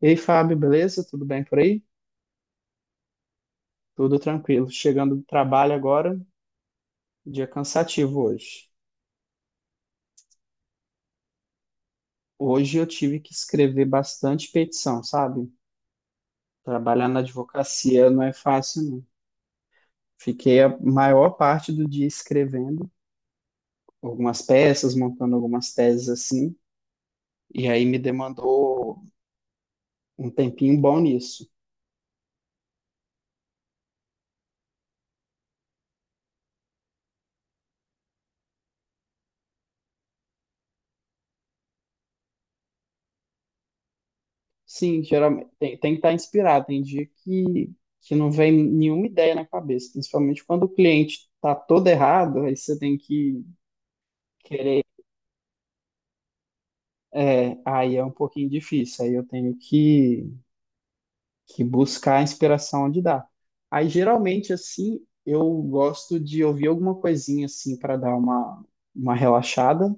E aí, Fábio, beleza? Tudo bem por aí? Tudo tranquilo. Chegando do trabalho agora, dia cansativo hoje. Hoje eu tive que escrever bastante petição, sabe? Trabalhar na advocacia não é fácil, não. Fiquei a maior parte do dia escrevendo algumas peças, montando algumas teses assim, e aí me demandou um tempinho bom nisso. Sim, geralmente tem que estar inspirado. Tem dia que não vem nenhuma ideia na cabeça, principalmente quando o cliente tá todo errado, aí você tem que querer. É, aí é um pouquinho difícil, aí eu tenho que buscar a inspiração onde dá. Aí geralmente, assim, eu gosto de ouvir alguma coisinha assim para dar uma relaxada,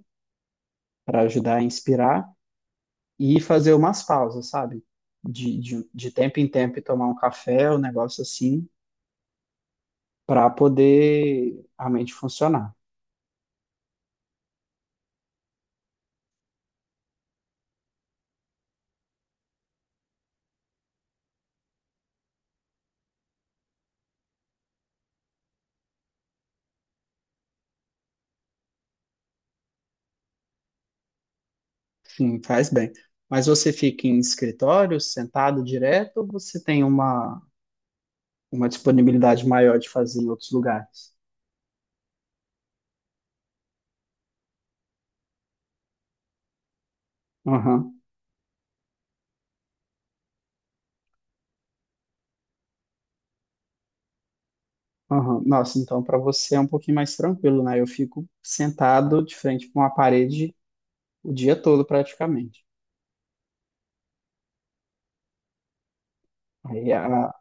para ajudar a inspirar e fazer umas pausas, sabe? De tempo em tempo e tomar um café, um negócio assim para poder a mente funcionar. Sim, faz bem. Mas você fica em escritório, sentado direto, ou você tem uma disponibilidade maior de fazer em outros lugares? Aham, aham. Nossa, então para você é um pouquinho mais tranquilo, né? Eu fico sentado de frente para uma parede o dia todo praticamente. Aí, a-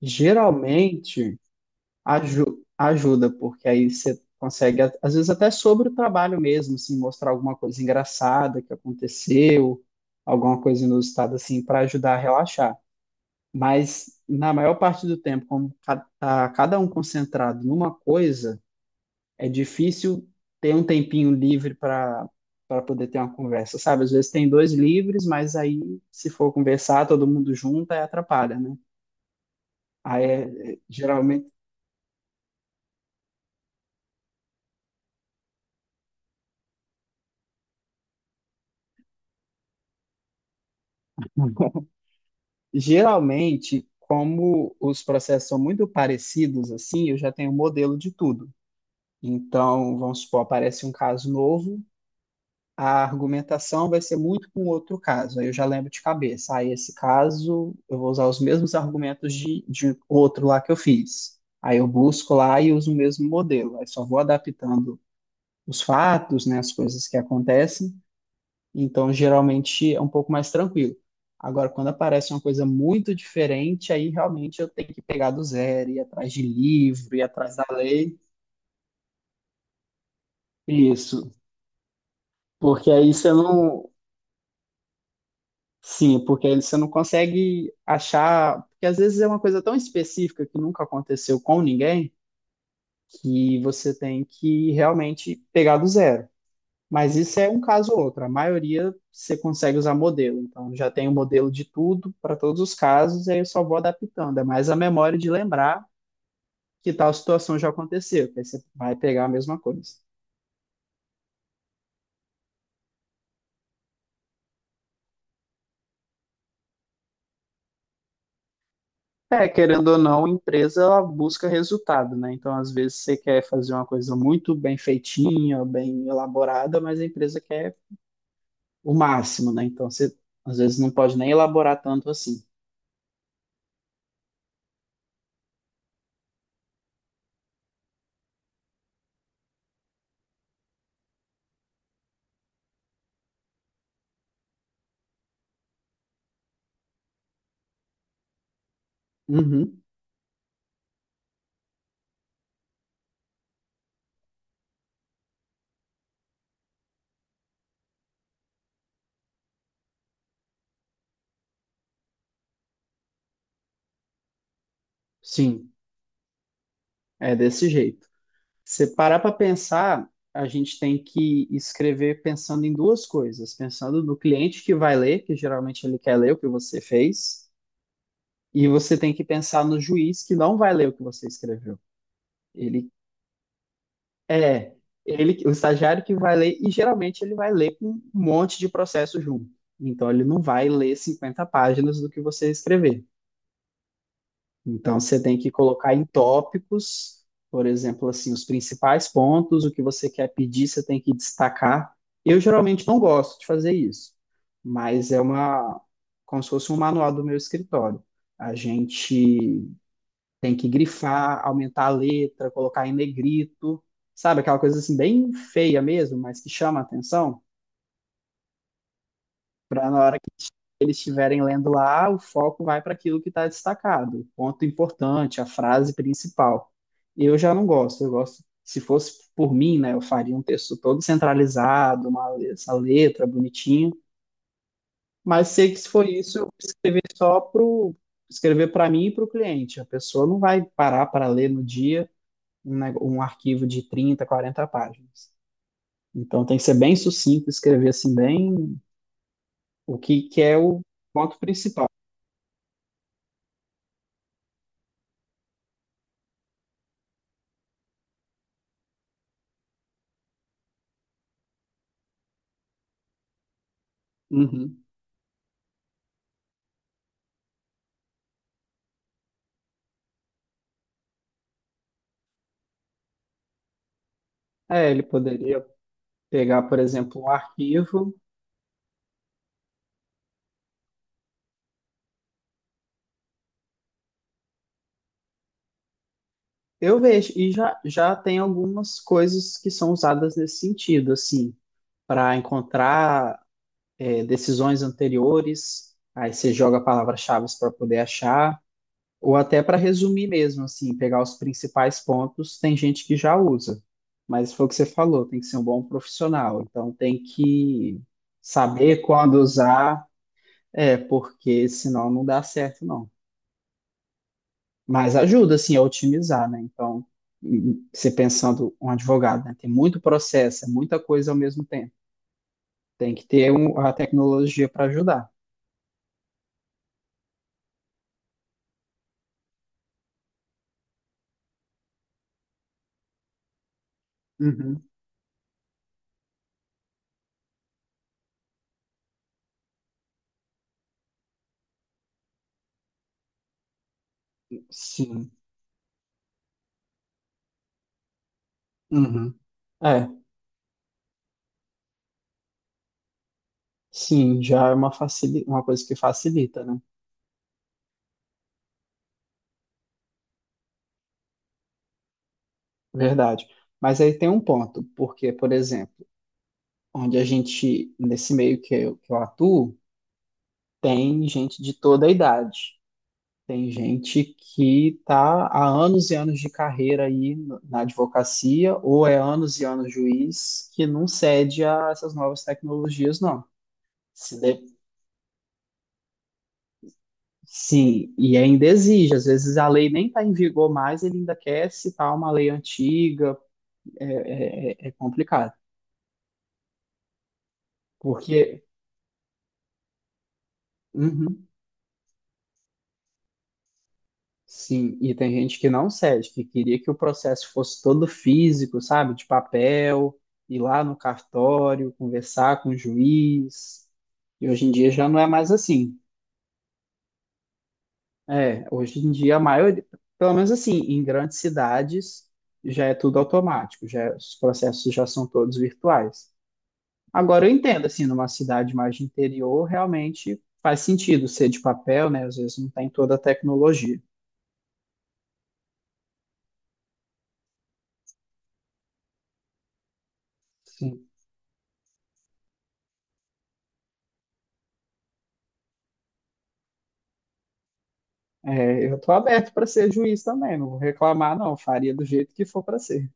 Geralmente, ajuda, porque aí você consegue, às vezes, até sobre o trabalho mesmo, assim, mostrar alguma coisa engraçada que aconteceu, alguma coisa inusitada, assim, para ajudar a relaxar. Mas, na maior parte do tempo, como tá cada um concentrado numa coisa, é difícil ter um tempinho livre para poder ter uma conversa, sabe? Às vezes tem dois livres, mas aí, se for conversar, todo mundo junto, aí atrapalha, né? Aí, geralmente. Geralmente, como os processos são muito parecidos, assim, eu já tenho um modelo de tudo. Então, vamos supor, aparece um caso novo, a argumentação vai ser muito com outro caso. Aí eu já lembro de cabeça, aí esse caso eu vou usar os mesmos argumentos de outro lá que eu fiz. Aí eu busco lá e uso o mesmo modelo. Aí só vou adaptando os fatos, né, as coisas que acontecem então, geralmente é um pouco mais tranquilo. Agora, quando aparece uma coisa muito diferente, aí realmente eu tenho que pegar do zero, ir atrás de livro, ir atrás da lei. Isso, porque aí você não. Sim, porque aí você não consegue achar. Porque às vezes é uma coisa tão específica que nunca aconteceu com ninguém, que você tem que realmente pegar do zero. Mas isso é um caso ou outro. A maioria você consegue usar modelo. Então, já tem o modelo de tudo para todos os casos, e aí eu só vou adaptando. É mais a memória de lembrar que tal situação já aconteceu, que aí você vai pegar a mesma coisa. É, querendo ou não, a empresa ela busca resultado, né? Então, às vezes, você quer fazer uma coisa muito bem feitinha, bem elaborada, mas a empresa quer o máximo, né? Então, você às vezes não pode nem elaborar tanto assim. Uhum, sim, é desse jeito. Se parar para pensar, a gente tem que escrever pensando em duas coisas, pensando no cliente que vai ler, que geralmente ele quer ler o que você fez, e você tem que pensar no juiz que não vai ler o que você escreveu. Ele é ele, o estagiário que vai ler, e geralmente ele vai ler com um monte de processo junto. Então ele não vai ler 50 páginas do que você escrever. Então, você tem que colocar em tópicos, por exemplo, assim, os principais pontos, o que você quer pedir, você tem que destacar. Eu geralmente não gosto de fazer isso, mas é como se fosse um manual do meu escritório. A gente tem que grifar, aumentar a letra, colocar em negrito, sabe? Aquela coisa assim bem feia mesmo, mas que chama a atenção, para na hora eles estiverem lendo lá, o foco vai para aquilo que está destacado, o ponto importante, a frase principal. Eu já não gosto, eu gosto, se fosse por mim, né, eu faria um texto todo centralizado, essa letra bonitinha, mas sei que se for isso, eu escrever só pro escrever para mim e para o cliente. A pessoa não vai parar para ler no dia um, um arquivo de 30, 40 páginas. Então tem que ser bem sucinto, escrever assim bem o que é o ponto principal. Uhum. É, ele poderia pegar, por exemplo, um arquivo. Eu vejo, e já tem algumas coisas que são usadas nesse sentido, assim, para encontrar decisões anteriores, aí você joga palavras-chave para poder achar, ou até para resumir mesmo, assim, pegar os principais pontos, tem gente que já usa. Mas foi o que você falou, tem que ser um bom profissional, então tem que saber quando usar, porque senão não dá certo, não. Mas ajuda, assim, a otimizar, né? Então, e você pensando um advogado, né? Tem muito processo, é muita coisa ao mesmo tempo. Tem que ter a tecnologia para ajudar. Uhum. Sim. Uhum. É, sim, já é uma coisa que facilita, né? Verdade. Mas aí tem um ponto, porque, por exemplo, onde a gente, nesse meio que eu atuo, tem gente de toda a idade. Tem gente que está há anos e anos de carreira aí na advocacia, ou é anos e anos juiz, que não cede a essas novas tecnologias, não. Se de- Sim, e ainda exige. Às vezes a lei nem está em vigor mais, ele ainda quer citar uma lei antiga, é complicado. Porque. Uhum. Sim, e tem gente que não cede, que queria que o processo fosse todo físico, sabe? De papel, ir lá no cartório, conversar com o juiz. E hoje em dia já não é mais assim. É, hoje em dia a maioria, pelo menos assim, em grandes cidades já é tudo automático, os processos já são todos virtuais. Agora eu entendo assim, numa cidade mais de interior, realmente faz sentido ser de papel, né? Às vezes não tem toda a tecnologia. É, eu tô aberto para ser juiz também, não vou reclamar, não. Faria do jeito que for para ser.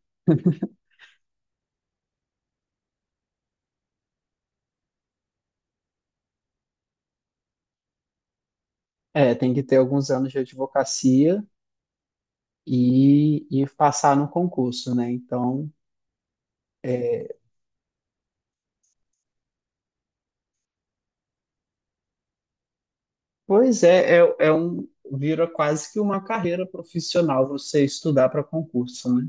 É, tem que ter alguns anos de advocacia e passar no concurso, né? Então, é, pois é, vira quase que uma carreira profissional você estudar para concurso, né?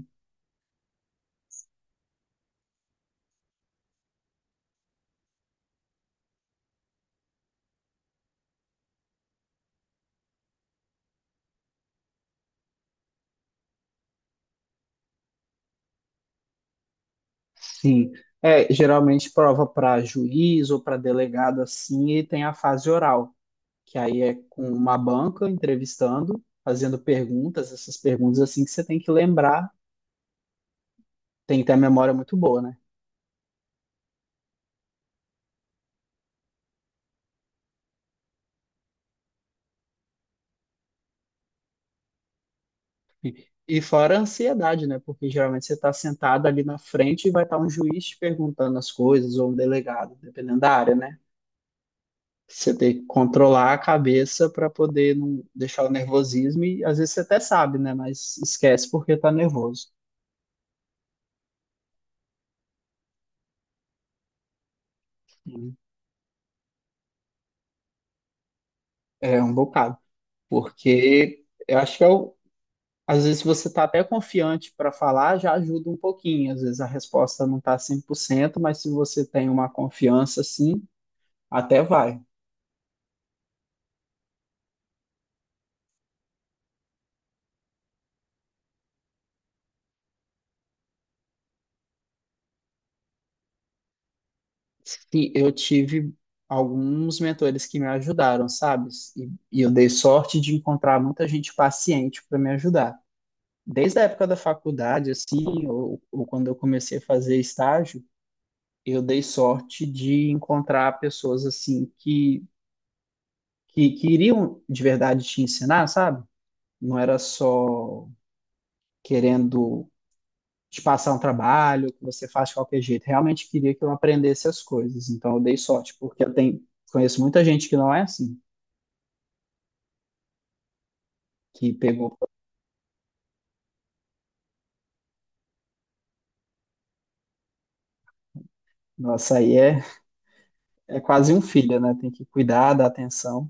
Sim. É, geralmente prova para juiz ou para delegado assim, e tem a fase oral, que aí é com uma banca entrevistando, fazendo perguntas, essas perguntas assim que você tem que lembrar. Tem que ter a memória muito boa, né? E fora a ansiedade, né? Porque geralmente você está sentado ali na frente e vai estar um juiz te perguntando as coisas ou um delegado, dependendo da área, né? Você tem que controlar a cabeça para poder não deixar o nervosismo e às vezes você até sabe, né? Mas esquece porque tá nervoso. Sim. É um bocado. Porque eu acho que é às vezes você tá até confiante para falar, já ajuda um pouquinho. Às vezes a resposta não tá 100%, mas se você tem uma confiança, assim, até vai. Sim, eu tive alguns mentores que me ajudaram, sabe? E eu dei sorte de encontrar muita gente paciente para me ajudar. Desde a época da faculdade, assim, ou quando eu comecei a fazer estágio, eu dei sorte de encontrar pessoas assim que iriam de verdade te ensinar, sabe? Não era só querendo te passar um trabalho que você faz de qualquer jeito. Realmente queria que eu aprendesse as coisas. Então eu dei sorte, porque eu tenho, conheço muita gente que não é assim. Que pegou. Nossa, aí é quase um filho, né? Tem que cuidar, dar atenção.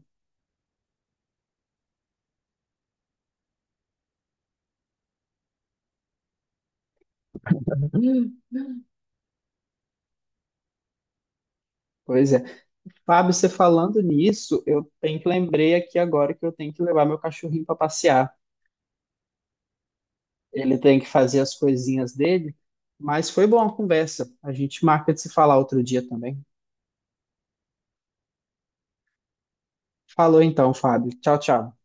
Uhum. Pois é. Fábio, você falando nisso, eu tenho que lembrei aqui agora que eu tenho que levar meu cachorrinho para passear. Ele tem que fazer as coisinhas dele, mas foi boa a conversa. A gente marca de se falar outro dia também. Falou então, Fábio. Tchau, tchau.